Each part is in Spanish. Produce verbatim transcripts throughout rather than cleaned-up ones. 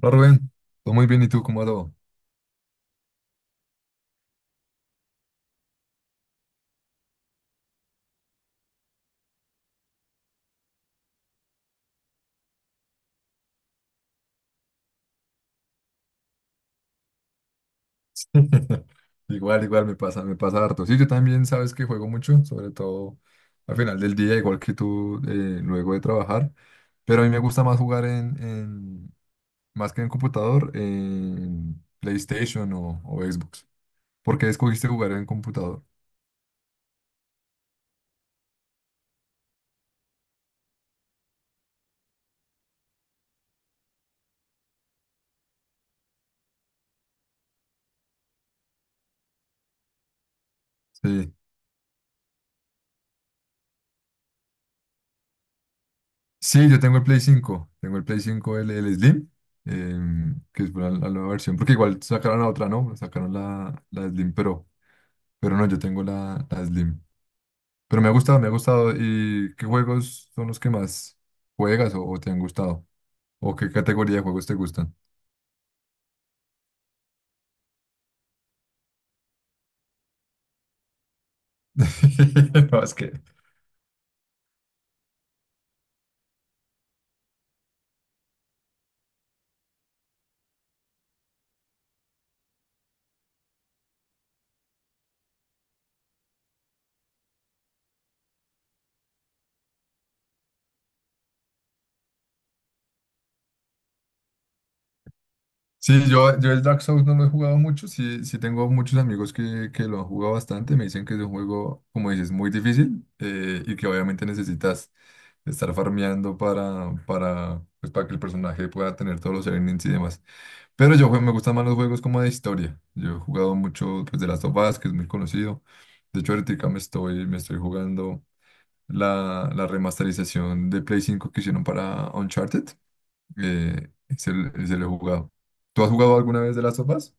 Hola Rubén, todo muy bien, ¿y tú cómo va todo? Igual, igual me pasa, me pasa harto. Sí, yo también sabes que juego mucho, sobre todo al final del día, igual que tú, eh, luego de trabajar, pero a mí me gusta más jugar en, en- más que en computador, en PlayStation o, o Xbox. ¿Por qué escogiste jugar en computador? Sí. Sí, yo tengo el Play cinco tengo el Play cinco, el, el Slim, em, que es la, la nueva versión, porque igual sacaron la otra, ¿no? Sacaron la, la Slim, pero pero no, yo tengo la, la Slim. Pero me ha gustado, me ha gustado. ¿Y qué juegos son los que más juegas o, o te han gustado? ¿O qué categoría de juegos te gustan? No, es que... Sí, yo, yo el Dark Souls no lo he jugado mucho. Sí, sí tengo muchos amigos que, que lo han jugado bastante, me dicen que es un juego, como dices, muy difícil, eh, y que obviamente necesitas estar farmeando para, para, pues, para que el personaje pueda tener todos los elements y demás. Pero yo jue- me gustan más los juegos como de historia. Yo he jugado mucho, pues, de Last of Us, que es muy conocido. De hecho, ahorita me estoy, me estoy jugando la, la remasterización de Play cinco que hicieron para Uncharted. Eh, se, lo se lo he jugado. ¿Tú has jugado alguna vez de las sofás?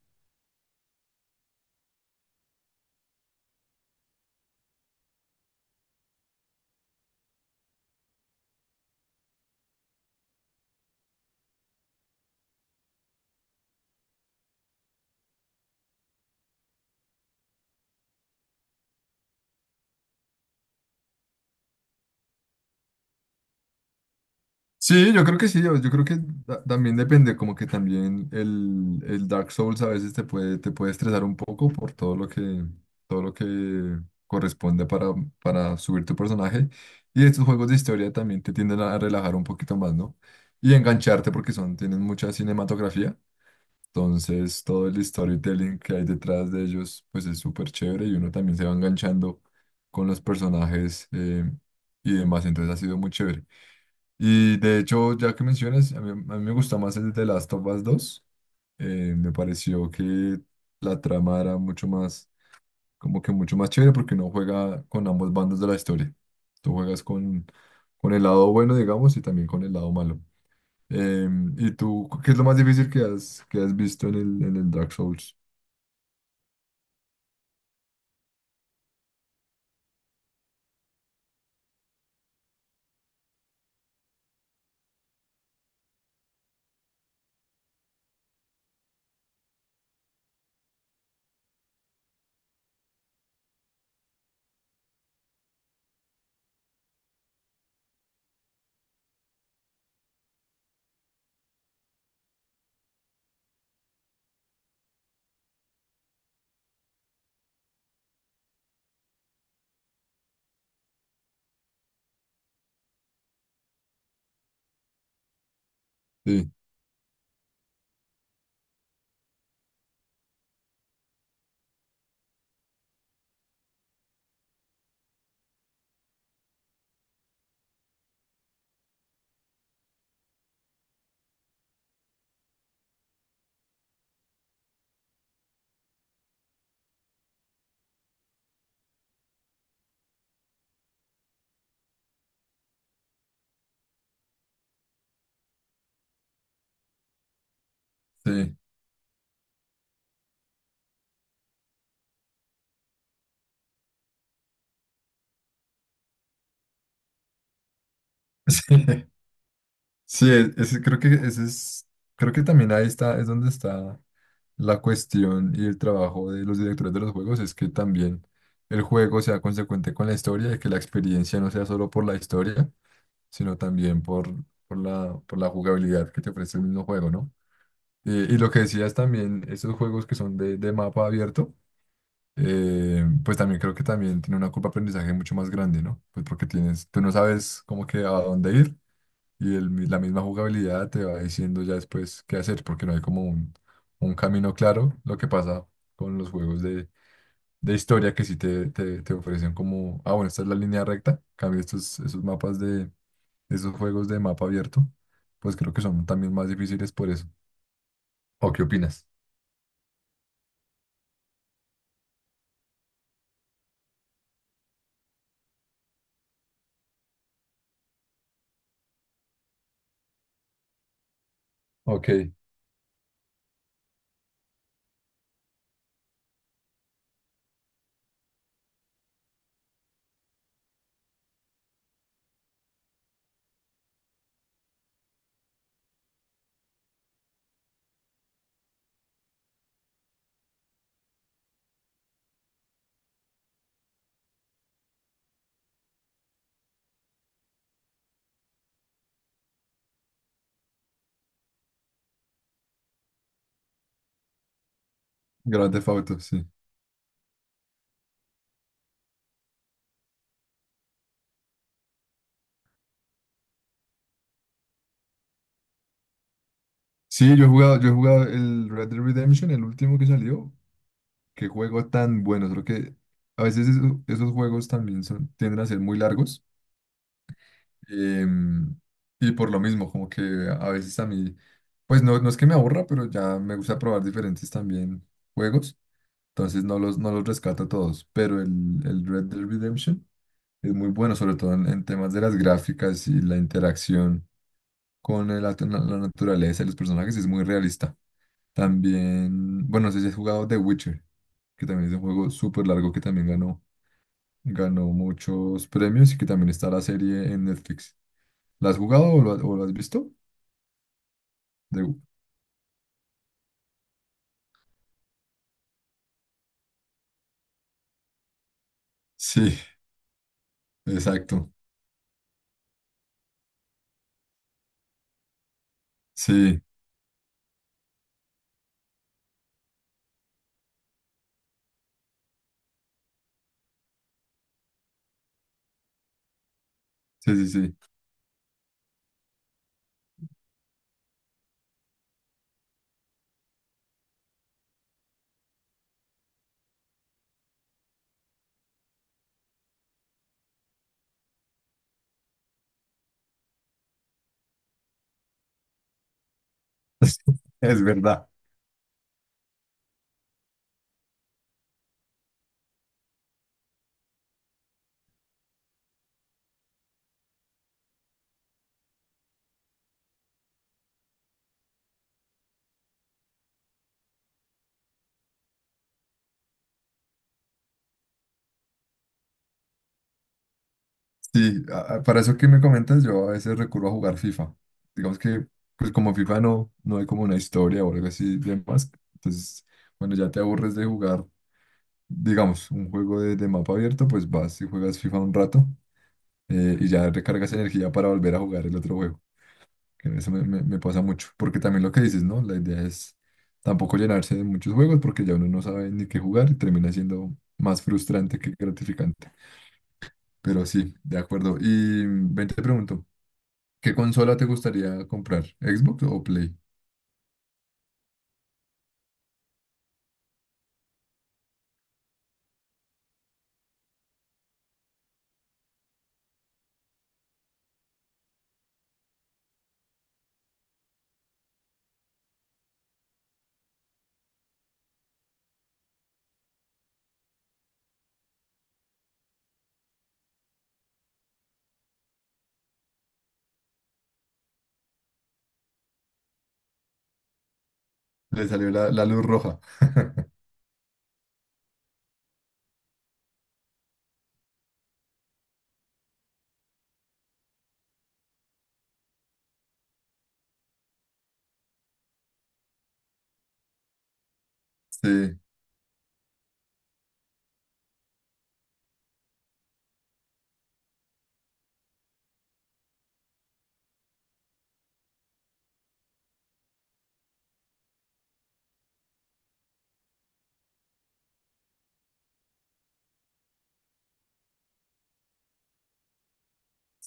Sí, yo creo que sí. Yo, yo creo que ta- también depende, como que también el, el Dark Souls a veces te puede, te puede estresar un poco por todo lo que, todo lo que corresponde para, para subir tu personaje. Y estos juegos de historia también te tienden a relajar un poquito más, ¿no? Y engancharte porque son, tienen mucha cinematografía. Entonces, todo el storytelling que hay detrás de ellos, pues es súper chévere, y uno también se va enganchando con los personajes, eh, y demás. Entonces, ha sido muy chévere. Y de hecho, ya que mencionas, a mí, a mí me gusta más el de Last of Us dos. Eh, me pareció que la trama era mucho más, como que mucho más chévere porque uno juega con ambos bandos de la historia. Tú juegas con, con el lado bueno, digamos, y también con el lado malo. Em, ¿y tú qué es lo más difícil que has, que has visto en el, en el Dark Souls? Sí, sí, sí, sí, es- es- creo que ese es... Creo que también ahí está, es donde está la cuestión y el trabajo de los directores de los juegos. Es que también el juego sea consecuente con la historia, y que la experiencia no sea solo por la historia, sino también por, por la, por la jugabilidad que te ofrece el mismo juego, ¿no? Eh, y lo que decías también, esos juegos que son de, de mapa abierto, eh, pues también creo que también tiene una curva de aprendizaje mucho más grande, ¿no? Pues porque tienes, tú no sabes como que a dónde ir. Y el mi- la misma jugabilidad te va diciendo ya después qué hacer, porque no hay como un, un camino claro. Lo que pasa con los juegos de, de historia, que sí te, te, te ofrecen como, ah, bueno, esta es la línea recta. En cambio, estos, esos mapas de, esos juegos de mapa abierto, pues creo que son también más difíciles por eso. ¿O qué opinas? Ok. Grand Theft Auto, sí. Sí, yo he jugado, yo he jugado el Red Dead Redemption, el último que salió. Qué juego tan bueno. Creo que a veces, eso- esos juegos también son, tienden a ser muy largos. Em, y por lo mismo, como que a veces a mí, pues no, no es que me aburra, pero ya me gusta probar diferentes también juegos. Entonces no los, no los rescato todos, pero el, el Red Dead Redemption es muy bueno, sobre todo en, en temas de las gráficas, y la interacción con el at- la, la naturaleza y los personajes es muy realista. También, bueno, no sé si has jugado The Witcher, que también es un juego súper largo, que también ganó, ganó muchos premios y que también está la serie en Netflix. ¿La has jugado o lo, has o lo has visto? De- Sí, exacto. Sí, sí, sí, sí. Es verdad. Sí, a- a- para eso que me comentas, yo a veces recurro a jugar FIFA. Digamos que, pues, como FIFA no, no hay como una historia o algo así de más. Entonces, cuando ya te aburres de jugar, digamos, un juego de, de mapa abierto, pues vas y juegas FIFA un rato, eh, y ya recargas energía para volver a jugar el otro juego. Que eso me, me- me pasa mucho, porque también lo que dices, ¿no? La idea es tampoco llenarse de muchos juegos porque ya uno no sabe ni qué jugar, y termina siendo más frustrante que gratificante. Pero sí, de acuerdo. Y mm, ven, te pregunto, ¿qué consola te gustaría comprar? ¿Xbox o Play? Le salió la, la luz roja. Sí,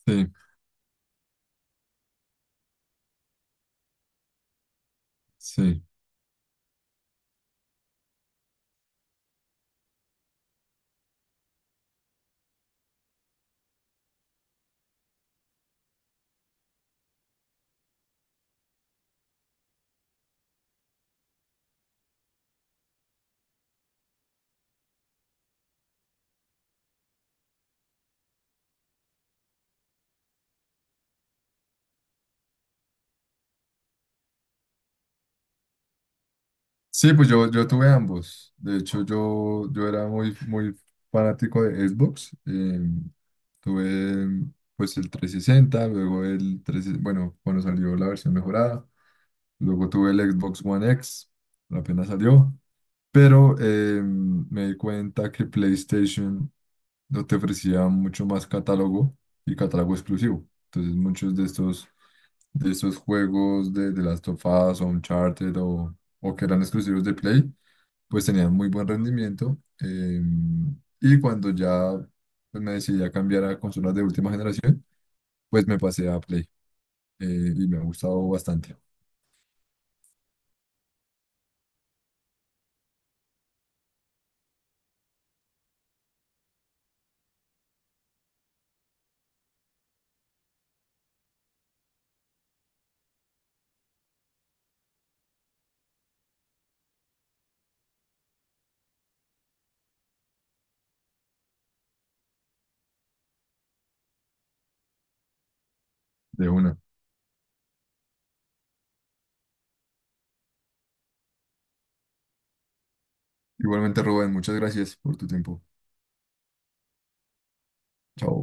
sí, sí. Sí, pues yo, yo tuve ambos. De hecho, yo, yo era muy, muy fanático de Xbox. eh, Tuve, pues, el trescientos sesenta, luego el tres, bueno, cuando salió la versión mejorada. Luego tuve el Xbox One X, apenas salió, pero eh, me di cuenta que PlayStation no te ofrecía mucho más catálogo y catálogo exclusivo. Entonces, muchos de estos, de estos juegos de, de Last of Us o Uncharted o, o que eran exclusivos de Play, pues tenían muy buen rendimiento. em, y cuando ya, pues, me decidí a cambiar a consolas de última generación, pues me pasé a Play, eh, y me ha gustado bastante. De una. Igualmente, Rubén, muchas gracias por tu tiempo. Chao.